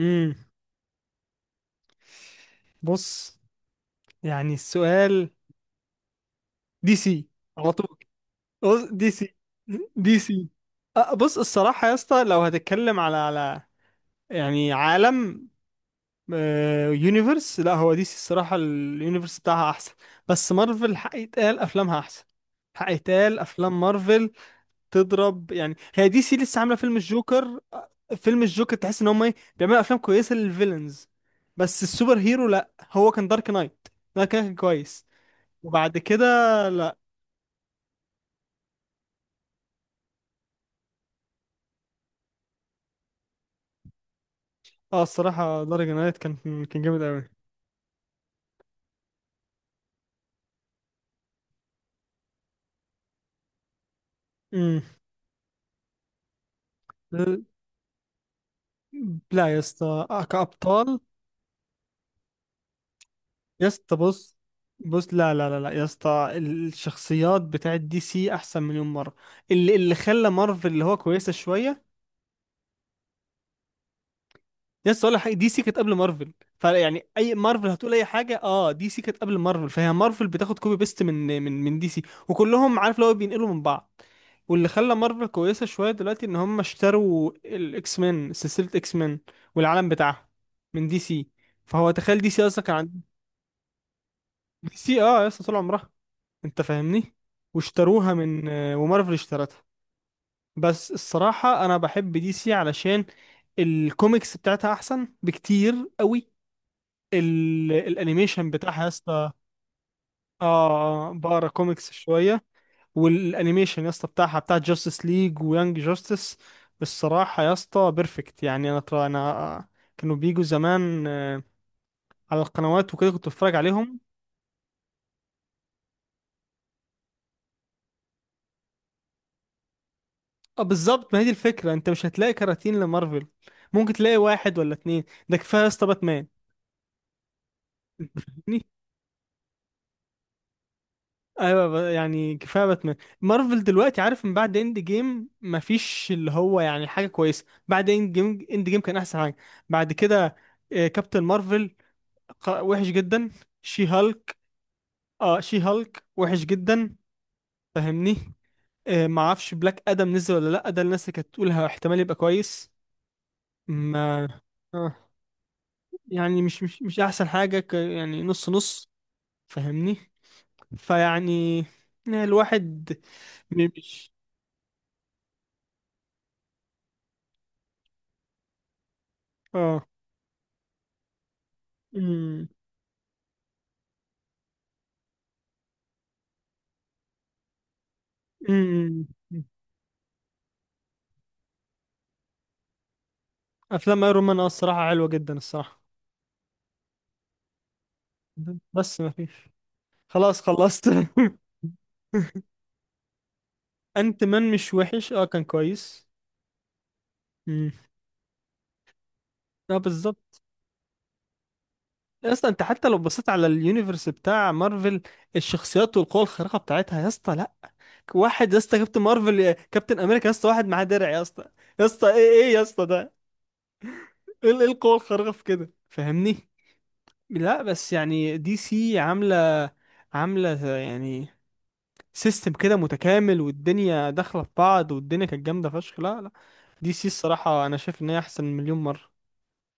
امم بص. يعني دي سي على طول. بص دي سي. دي سي أه، بص الصراحة يا اسطى لو هتتكلم على يعني عالم يونيفرس. لا، هو دي سي الصراحة اليونيفرس بتاعها أحسن، بس مارفل حق يتقال أفلامها أحسن. حق يتقال أفلام مارفل تضرب. يعني هي دي سي لسه عاملة فيلم الجوكر. فيلم الجوكر تحس إن هم إيه، بيعملوا أفلام كويسة للفيلنز، بس السوبر هيرو لا. هو كان دارك نايت، ده كان كويس. وبعد كده لا. اه، الصراحة دارك نايت كان جامد قوي. امم لا يا اسطى، كأبطال. يا اسطى بص، بص لا يا اسطى، الشخصيات بتاعت دي سي احسن مليون مرة. اللي خلى مارفل اللي هو كويسة شوية، يس، ولا حاجه. دي سي كانت قبل مارفل، فيعني اي مارفل هتقول اي حاجه. اه، دي سي كانت قبل مارفل، فهي مارفل بتاخد كوبي بيست من من دي سي، وكلهم عارف لو بينقلوا من بعض. واللي خلى مارفل كويسه شويه دلوقتي، ان هم اشتروا الاكس مان، سلسله اكس مان والعالم بتاعها، من دي سي. فهو تخيل، دي سي اصلا كان عند دي سي، اه، لسه طول عمرها. انت فاهمني؟ واشتروها من، ومارفل اشترتها. بس الصراحه انا بحب دي سي علشان الكوميكس بتاعتها احسن بكتير قوي. الانيميشن بتاعها يا اسطى، اه، بقرا كوميكس شويه. والانيميشن يا اسطى بتاعها، بتاع جاستس ليج ويانج جاستس، الصراحه يا اسطى بيرفكت. يعني انا طبعا انا آه، كانوا بيجوا زمان، على القنوات وكده، كنت بتفرج عليهم. اه بالظبط، ما هي دي الفكره. انت مش هتلاقي كراتين لمارفل، ممكن تلاقي واحد ولا اتنين. ده كفايه يا اسطى باتمان. ايوه يعني كفايه باتمان. مارفل دلوقتي عارف، من بعد اند جيم مفيش اللي هو يعني حاجه كويسه. بعد اند جيم، اند جيم كان احسن حاجه. بعد كده كابتن مارفل، وحش جدا. شي هالك، اه، شي هالك وحش جدا. فاهمني؟ ما اعرفش بلاك ادم نزل ولا لا. ده الناس اللي كانت تقولها احتمال يبقى كويس. ما، آه يعني مش احسن حاجه، ك يعني نص نص. فاهمني؟ فيعني آه، الواحد مش، اه. امم. افلام ايرون مان، اه الصراحه حلوه جدا الصراحه، بس ما فيش. خلاص خلصت. انت مان مش وحش، اه كان كويس. امم. اه بالظبط. يا اسطى انت حتى لو بصيت على اليونيفرس بتاع مارفل، الشخصيات والقوى الخارقه بتاعتها يا اسطى، لا. واحد يا اسطى كابتن مارفل، يا كابتن امريكا يا اسطى، واحد معاه درع يا اسطى. يا اسطى ايه يا اسطى ده؟ إيه القوه الخارقه في كده؟ فاهمني؟ لا بس يعني دي سي عامله يعني سيستم كده متكامل، والدنيا داخله في بعض، والدنيا كانت جامده فشخ. لا، دي سي الصراحه انا شايف ان هي احسن مليون مره.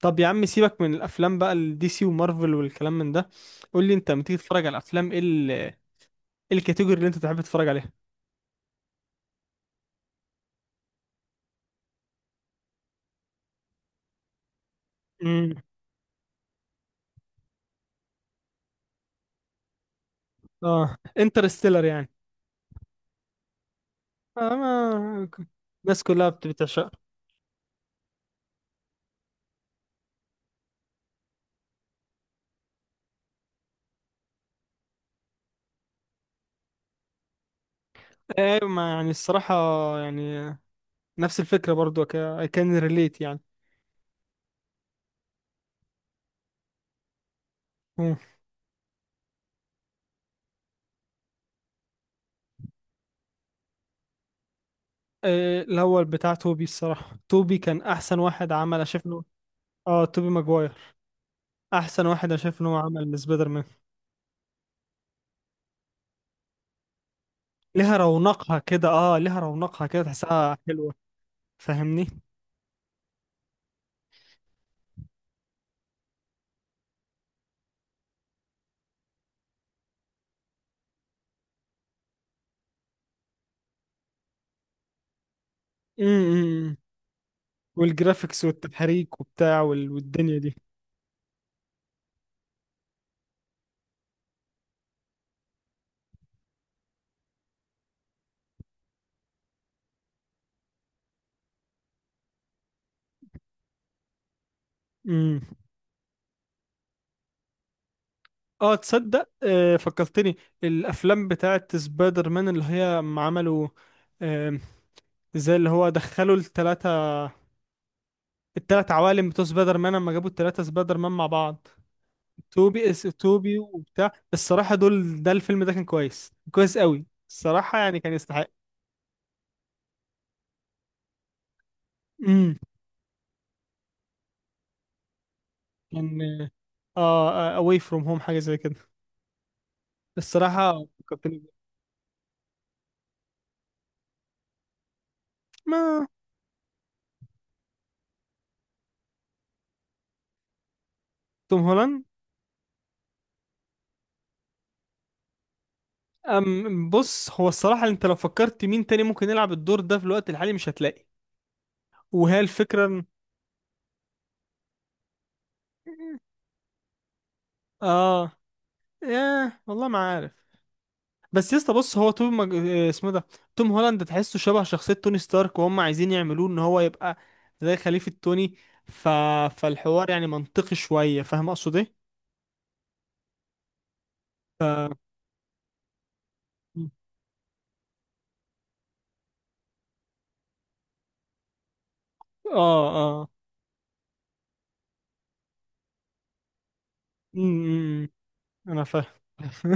طب يا عم سيبك من الافلام بقى، الدي سي ومارفل والكلام من ده. قول لي انت لما تيجي تتفرج على الافلام، إيه الكاتيجوري اللي انت تحب تتفرج عليها؟ امم. اه انترستيلر يعني. آه ما... الناس كلها بتعشقها. ايوه، ما يعني الصراحه يعني نفس الفكره برضو، اي كان ريليت يعني. مم. الاول بتاع توبي، الصراحه توبي كان احسن واحد عمل شايف. اه توبي ماجواير. احسن واحد انا شايف ان هو عمل سبايدر مان. ليها رونقها كده، اه ليها رونقها كده، تحسها حلوه. فاهمني؟ امم. والجرافيكس والتحريك وبتاع، والدنيا دي. امم. اه تصدق، آه فكرتني. الافلام بتاعت سبايدر مان، اللي هي أما عملوا، آه، زي اللي هو دخلوا التلاتة، التلات عوالم بتوع سبايدر مان، لما جابوا التلاتة سبايدر مان مع بعض، توبي، اس توبي وبتاع الصراحة. دول، ده الفيلم ده كان كويس كويس قوي الصراحة، يعني كان يستحق. امم. كان، اه اواي فروم هوم، حاجه زي كده. الصراحه فكرتني ب، ما توم هولاند. أم بص، هو الصراحه انت لو فكرت مين تاني ممكن يلعب الدور ده في الوقت الحالي، مش هتلاقي. وهي الفكره. إن، اه، ياه والله ما عارف. بس يا اسطى بص، هو توم مج... آه، اسمه إيه ده؟ توم هولاند، تحسه شبه شخصيه توني ستارك، وهم عايزين يعملوه ان هو يبقى زي خليفه توني. ف، فالحوار يعني منطقي شويه. فاهم اقصد ايه؟ ف، اه. اه. امم امم، امم. انا فاهم.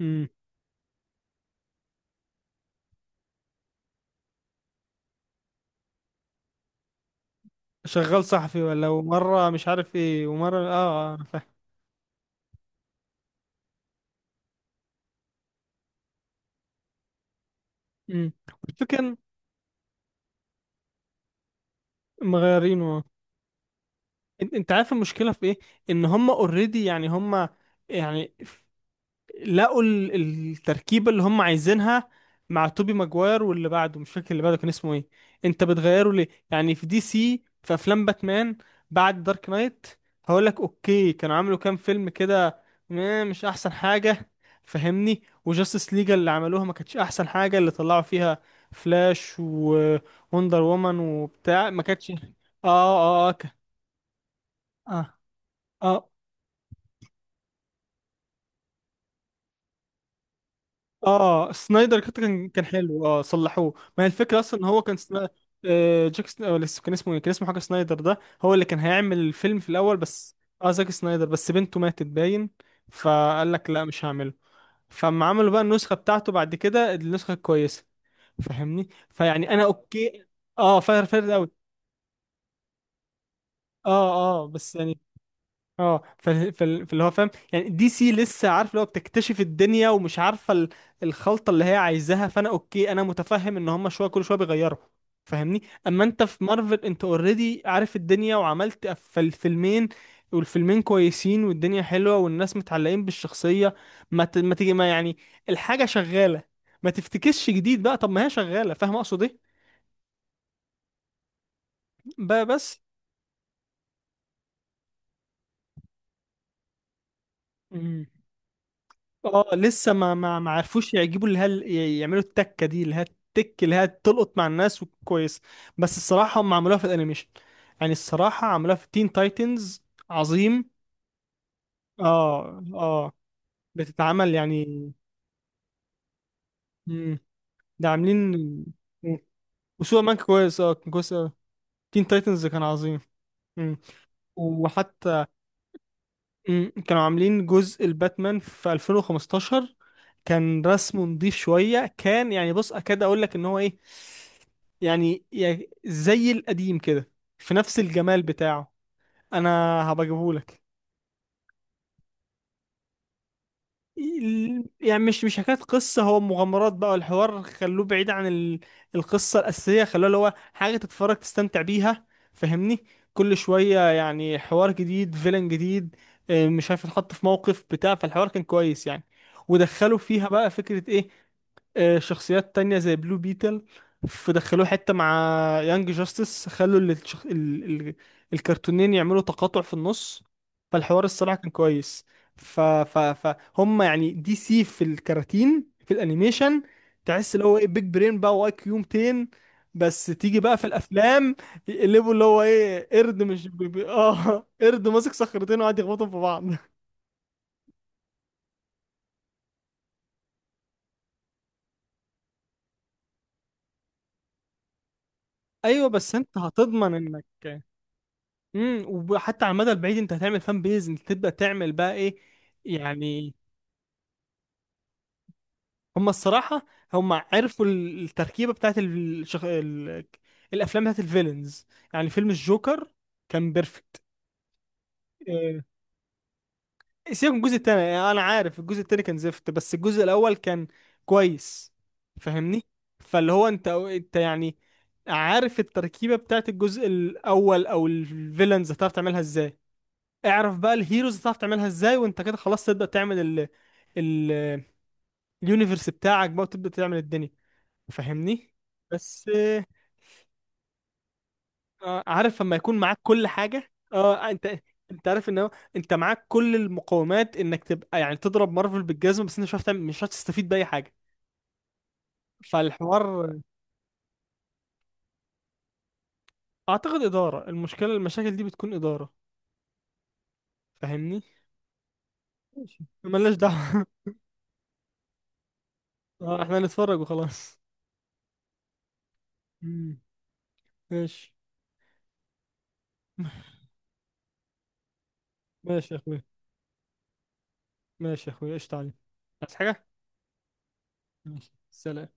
أمم. شغال صحفي، ولا ومره مش عارف ايه، ومره اه. اه انا فاهم. أمم. والفكرة إن مغيرينه. إن، انت عارف المشكله في ايه؟ ان هم اوريدي، يعني هم يعني لقوا التركيبة اللي هم عايزينها مع توبي ماجواير. واللي بعده مش فاكر اللي بعده كان اسمه ايه. انت بتغيره ليه؟ يعني في دي سي في افلام باتمان بعد دارك نايت، هقول لك اوكي، كانوا عملوا كام فيلم كده، مش احسن حاجة. فهمني، وجاستس ليجا اللي عملوها، ما كانتش احسن حاجة اللي طلعوا فيها. فلاش ووندر وومن وبتاع، ما كانتش، اه. اه. اه. اه. اه سنايدر كات كان حلو، اه صلحوه. ما هي الفكره اصلا ان هو كان سنا... آه جاك سن... آه، لسه كان اسمه إيه؟ كان اسمه حاجه سنايدر. ده هو اللي كان هيعمل الفيلم في الاول، بس اه زاك سنايدر، بس بنته ماتت باين، فقال لك لا مش هعمله. فاما عملوا بقى النسخه بتاعته بعد كده، النسخه الكويسه. فاهمني؟ فيعني انا اوكي. اه فاير فاير قوي. اه. اه بس يعني، اه فاللي هو فاهم، يعني دي سي لسه عارف اللي هو بتكتشف الدنيا ومش عارفه الخلطه اللي هي عايزاها. فانا اوكي انا متفهم ان هم شويه، كل شويه بيغيروا. فاهمني؟ اما انت في مارفل، انت اوريدي عارف الدنيا، وعملت في الفيلمين، والفيلمين كويسين، والدنيا حلوه، والناس متعلقين بالشخصيه. ما يعني الحاجه شغاله. ما تفتكسش جديد بقى، طب ما هي شغاله. فاهم اقصد ايه؟ بقى، بس اه لسه ما عرفوش يعجبوا اللي هل يعملوا التكه دي، اللي هي التك اللي هي تلقط مع الناس وكويس، بس الصراحه هم عملوها في الانيميشن. يعني الصراحه عملوها في تين تايتنز، عظيم. اه. اه بتتعمل يعني. مم. ده عاملين. مم. وسوبر مان كويس، اه كان كويس اوي. تين تايتنز كان عظيم. مم. وحتى مم، كانوا عاملين جزء الباتمان في 2015، كان رسمه نضيف شوية، كان يعني بص، أكاد أقول لك إن هو إيه يعني، يعني زي القديم كده، في نفس الجمال بتاعه. أنا هبجيبهولك. يعني مش حكاية قصة، هو مغامرات بقى، والحوار خلوه بعيد عن القصة الأساسية، خلوه اللي هو حاجة تتفرج تستمتع بيها. فاهمني؟ كل شوية يعني حوار جديد، فيلن جديد، مش عارف يتحط في موقف بتاع، فالحوار كان كويس يعني. ودخلوا فيها بقى فكرة ايه، شخصيات تانية زي بلو بيتل. فدخلوه حتة مع يانج جاستس، خلوا ال... ال... الكرتونين يعملوا تقاطع في النص. فالحوار الصراحة كان كويس. ف ف فهم يعني دي سي في الكراتين في الانيميشن تحس اللي هو ايه، بيج برين بقى، واي كيو 200. بس تيجي بقى في الافلام، يقلبوا اللي هو ايه، قرد مش بي بي اه، قرد ماسك صخرتين وقاعد يخبطهم في بعض. ايوه، بس انت هتضمن انك، امم، وحتى على المدى البعيد انت هتعمل فان بيز، انت تبدا تعمل بقى ايه يعني. هم الصراحه هم عرفوا التركيبه بتاعت الافلام بتاعت الفيلنز. يعني فيلم الجوكر كان بيرفكت. إيه، سيبك من الجزء التاني. يعني انا عارف الجزء التاني كان زفت، بس الجزء الاول كان كويس. فاهمني؟ فاللي هو انت، انت يعني عارف التركيبة بتاعت الجزء الاول، او الفيلنز هتعرف تعملها ازاي، اعرف بقى الهيروز هتعرف تعملها ازاي، وانت كده خلاص تبدأ تعمل ال، ال، اليونيفرس بتاعك بقى، وتبدأ تعمل الدنيا. فاهمني؟ بس عارف لما يكون معاك كل حاجة، اه، آه، انت انت عارف ان هو انت معاك كل المقومات انك تبقى يعني تضرب مارفل بالجزمة، بس انت مش هتعرف تعمل، مش هتستفيد بأي حاجة. فالحوار اعتقد إدارة المشاكل دي بتكون إدارة. فاهمني؟ ماشي، ملناش دعوة. اه احنا هنتفرج وخلاص. مم. ماشي. ماشي يا اخوي. ماشي يا اخويا، قشطة عليك. عايز حاجة؟ ماشي، سلام.